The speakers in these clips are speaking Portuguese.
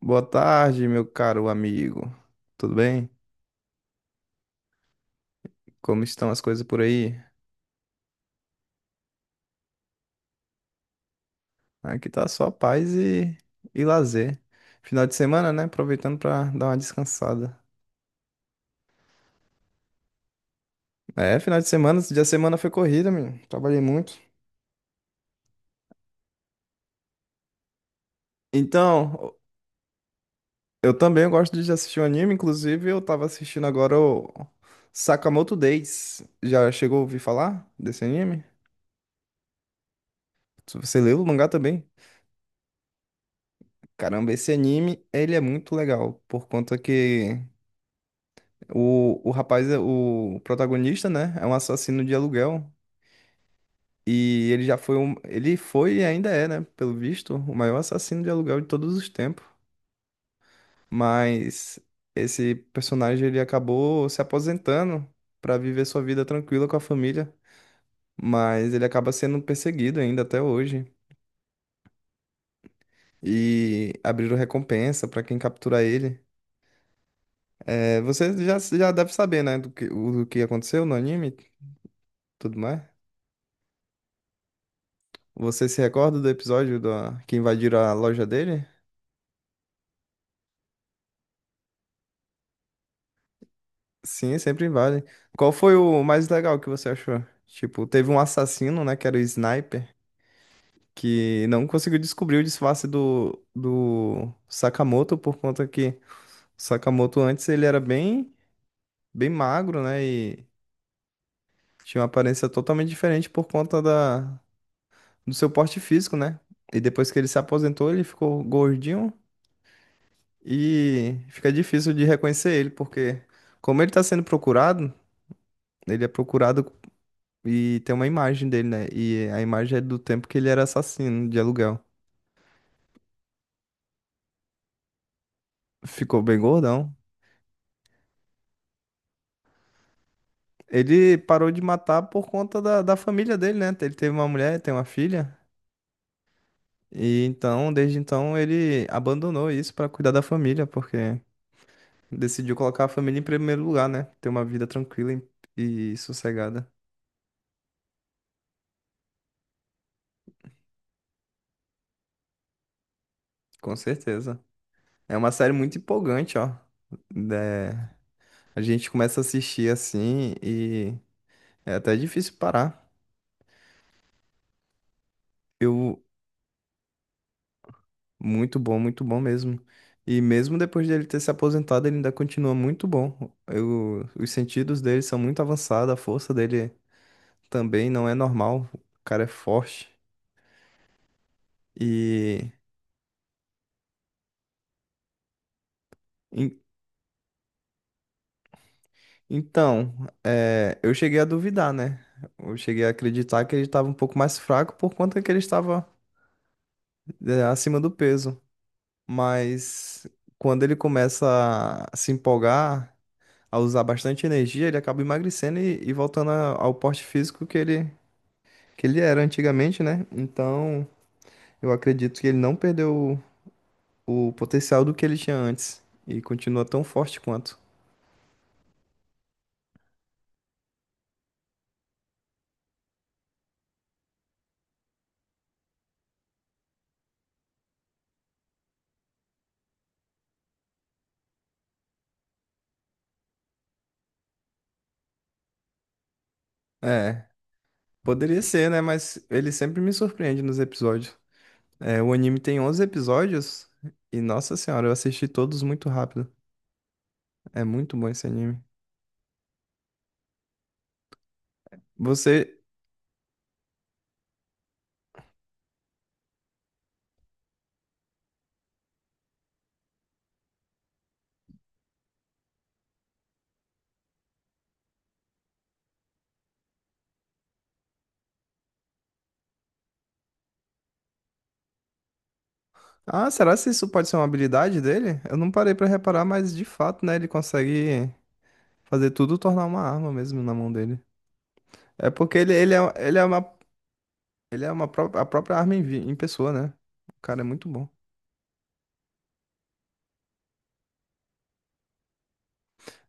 Boa tarde, meu caro amigo. Tudo bem? Como estão as coisas por aí? Aqui tá só paz e lazer. Final de semana, né? Aproveitando pra dar uma descansada. É, final de semana, esse dia de semana foi corrida, menino. Trabalhei muito. Então, eu também gosto de assistir um anime, inclusive eu tava assistindo agora o Sakamoto Days. Já chegou a ouvir falar desse anime? Você leu o mangá também? Caramba, esse anime, ele é muito legal, por conta que o rapaz, o protagonista, né, é um assassino de aluguel. E ele já foi um. Ele foi e ainda é, né, pelo visto, o maior assassino de aluguel de todos os tempos. Mas esse personagem ele acabou se aposentando para viver sua vida tranquila com a família. Mas ele acaba sendo perseguido ainda até hoje. E abriram recompensa para quem capturar ele. É, você já deve saber, né, do que aconteceu no anime, tudo mais. Você se recorda do episódio da que invadiram a loja dele? Sim, sempre invadem. Qual foi o mais legal que você achou? Tipo, teve um assassino, né, que era o Sniper, que não conseguiu descobrir o disfarce do Sakamoto por conta que o Sakamoto antes ele era bem, bem magro, né, e tinha uma aparência totalmente diferente por conta da do seu porte físico, né? E depois que ele se aposentou, ele ficou gordinho. E fica difícil de reconhecer ele, porque como ele está sendo procurado, ele é procurado e tem uma imagem dele, né? E a imagem é do tempo que ele era assassino de aluguel. Ficou bem gordão. Ele parou de matar por conta da família dele, né? Ele teve uma mulher, tem uma filha. E então, desde então, ele abandonou isso para cuidar da família, porque decidiu colocar a família em primeiro lugar, né? Ter uma vida tranquila e sossegada. Com certeza. É uma série muito empolgante, ó. Né? A gente começa a assistir assim e é até difícil parar. Eu, muito bom mesmo. E mesmo depois dele ter se aposentado, ele ainda continua muito bom. Eu, os sentidos dele são muito avançados, a força dele também não é normal. O cara é forte. E en- então, é, eu cheguei a duvidar, né? Eu cheguei a acreditar que ele estava um pouco mais fraco por conta que ele estava é, acima do peso. Mas quando ele começa a se empolgar, a usar bastante energia, ele acaba emagrecendo e voltando ao porte físico que que ele era antigamente, né? Então, eu acredito que ele não perdeu o potencial do que ele tinha antes e continua tão forte quanto. É, poderia ser, né? Mas ele sempre me surpreende nos episódios. É, o anime tem 11 episódios e, nossa senhora, eu assisti todos muito rápido. É muito bom esse anime. Você, ah, será que isso pode ser uma habilidade dele? Eu não parei pra reparar, mas de fato, né, ele consegue fazer tudo tornar uma arma mesmo na mão dele. É porque ele é uma a própria arma em, em pessoa, né? O cara é muito bom.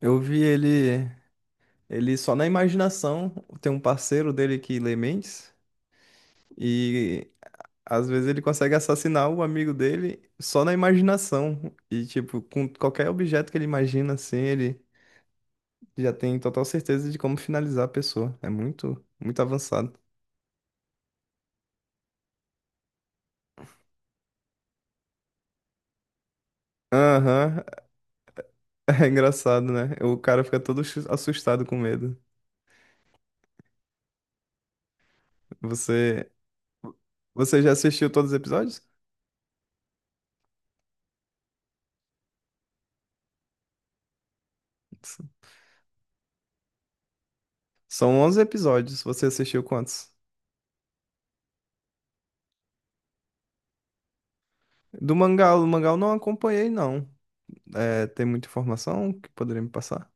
Eu vi ele, ele só na imaginação, tem um parceiro dele que lê mentes, e às vezes ele consegue assassinar o amigo dele só na imaginação. E tipo, com qualquer objeto que ele imagina, assim, ele já tem total certeza de como finalizar a pessoa. É muito, muito avançado. Aham. É engraçado, né? O cara fica todo assustado com medo. Você, você já assistiu todos os episódios? S- São 11 episódios. Você assistiu quantos? Do mangá, o mangá eu não acompanhei, não. É, tem muita informação que poderia me passar?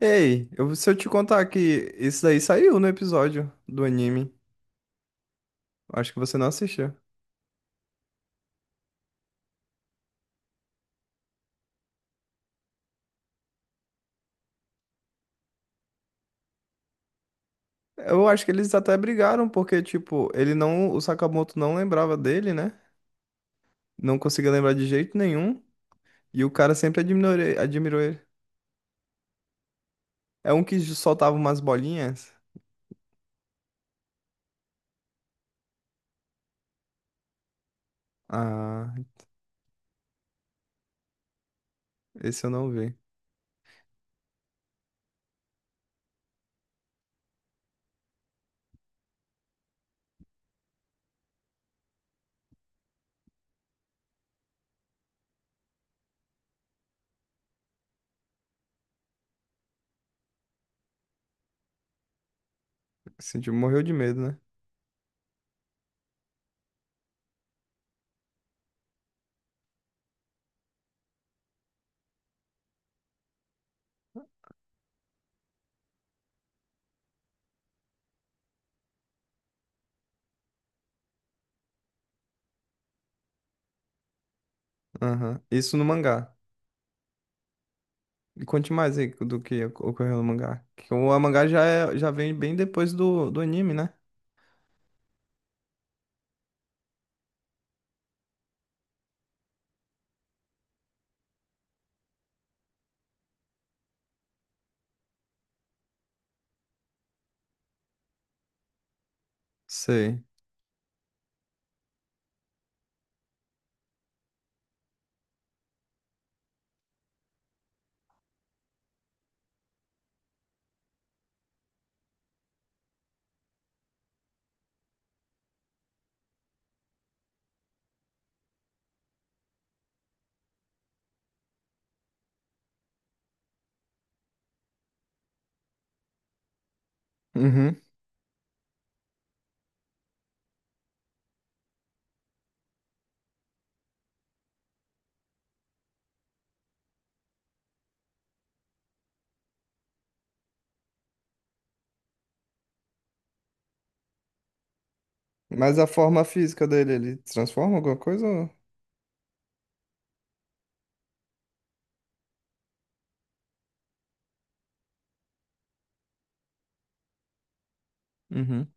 Ei, eu, se eu te contar que isso daí saiu no episódio do anime, acho que você não assistiu. Eu acho que eles até brigaram, porque, tipo, ele não. O Sakamoto não lembrava dele, né? Não conseguia lembrar de jeito nenhum. E o cara sempre admirou, admirou ele. É um que soltava umas bolinhas. Ah, esse eu não vi. Assim, tipo, morreu de medo, né? Aham. Isso no mangá. E conte mais aí do que ocorreu no mangá. Que o mangá já, já vem bem depois do anime, né? Sei. Uhum. Mas a forma física dele, ele transforma alguma coisa? Ou... Uhum.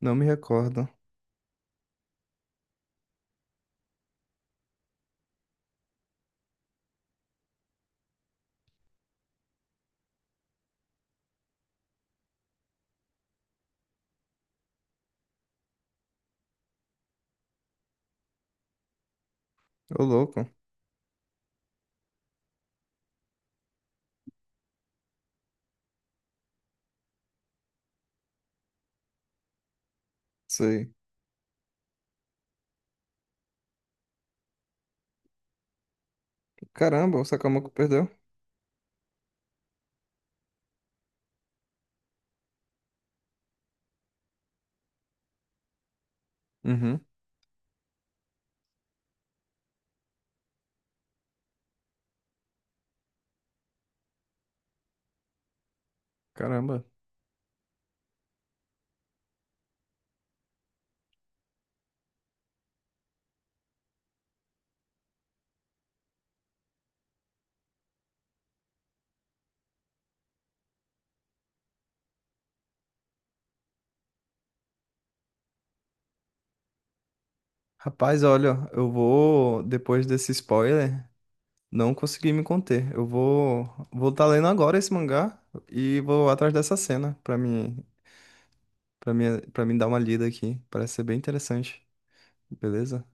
Não me recordo. Ô, louco. Sei. Caramba, o Sakamoto perdeu. Uhum, caramba. Rapaz, olha, eu vou, depois desse spoiler, não consegui me conter. Eu vou, vou estar lendo agora esse mangá e vou atrás dessa cena pra mim, para mim dar uma lida aqui. Parece ser bem interessante. Beleza?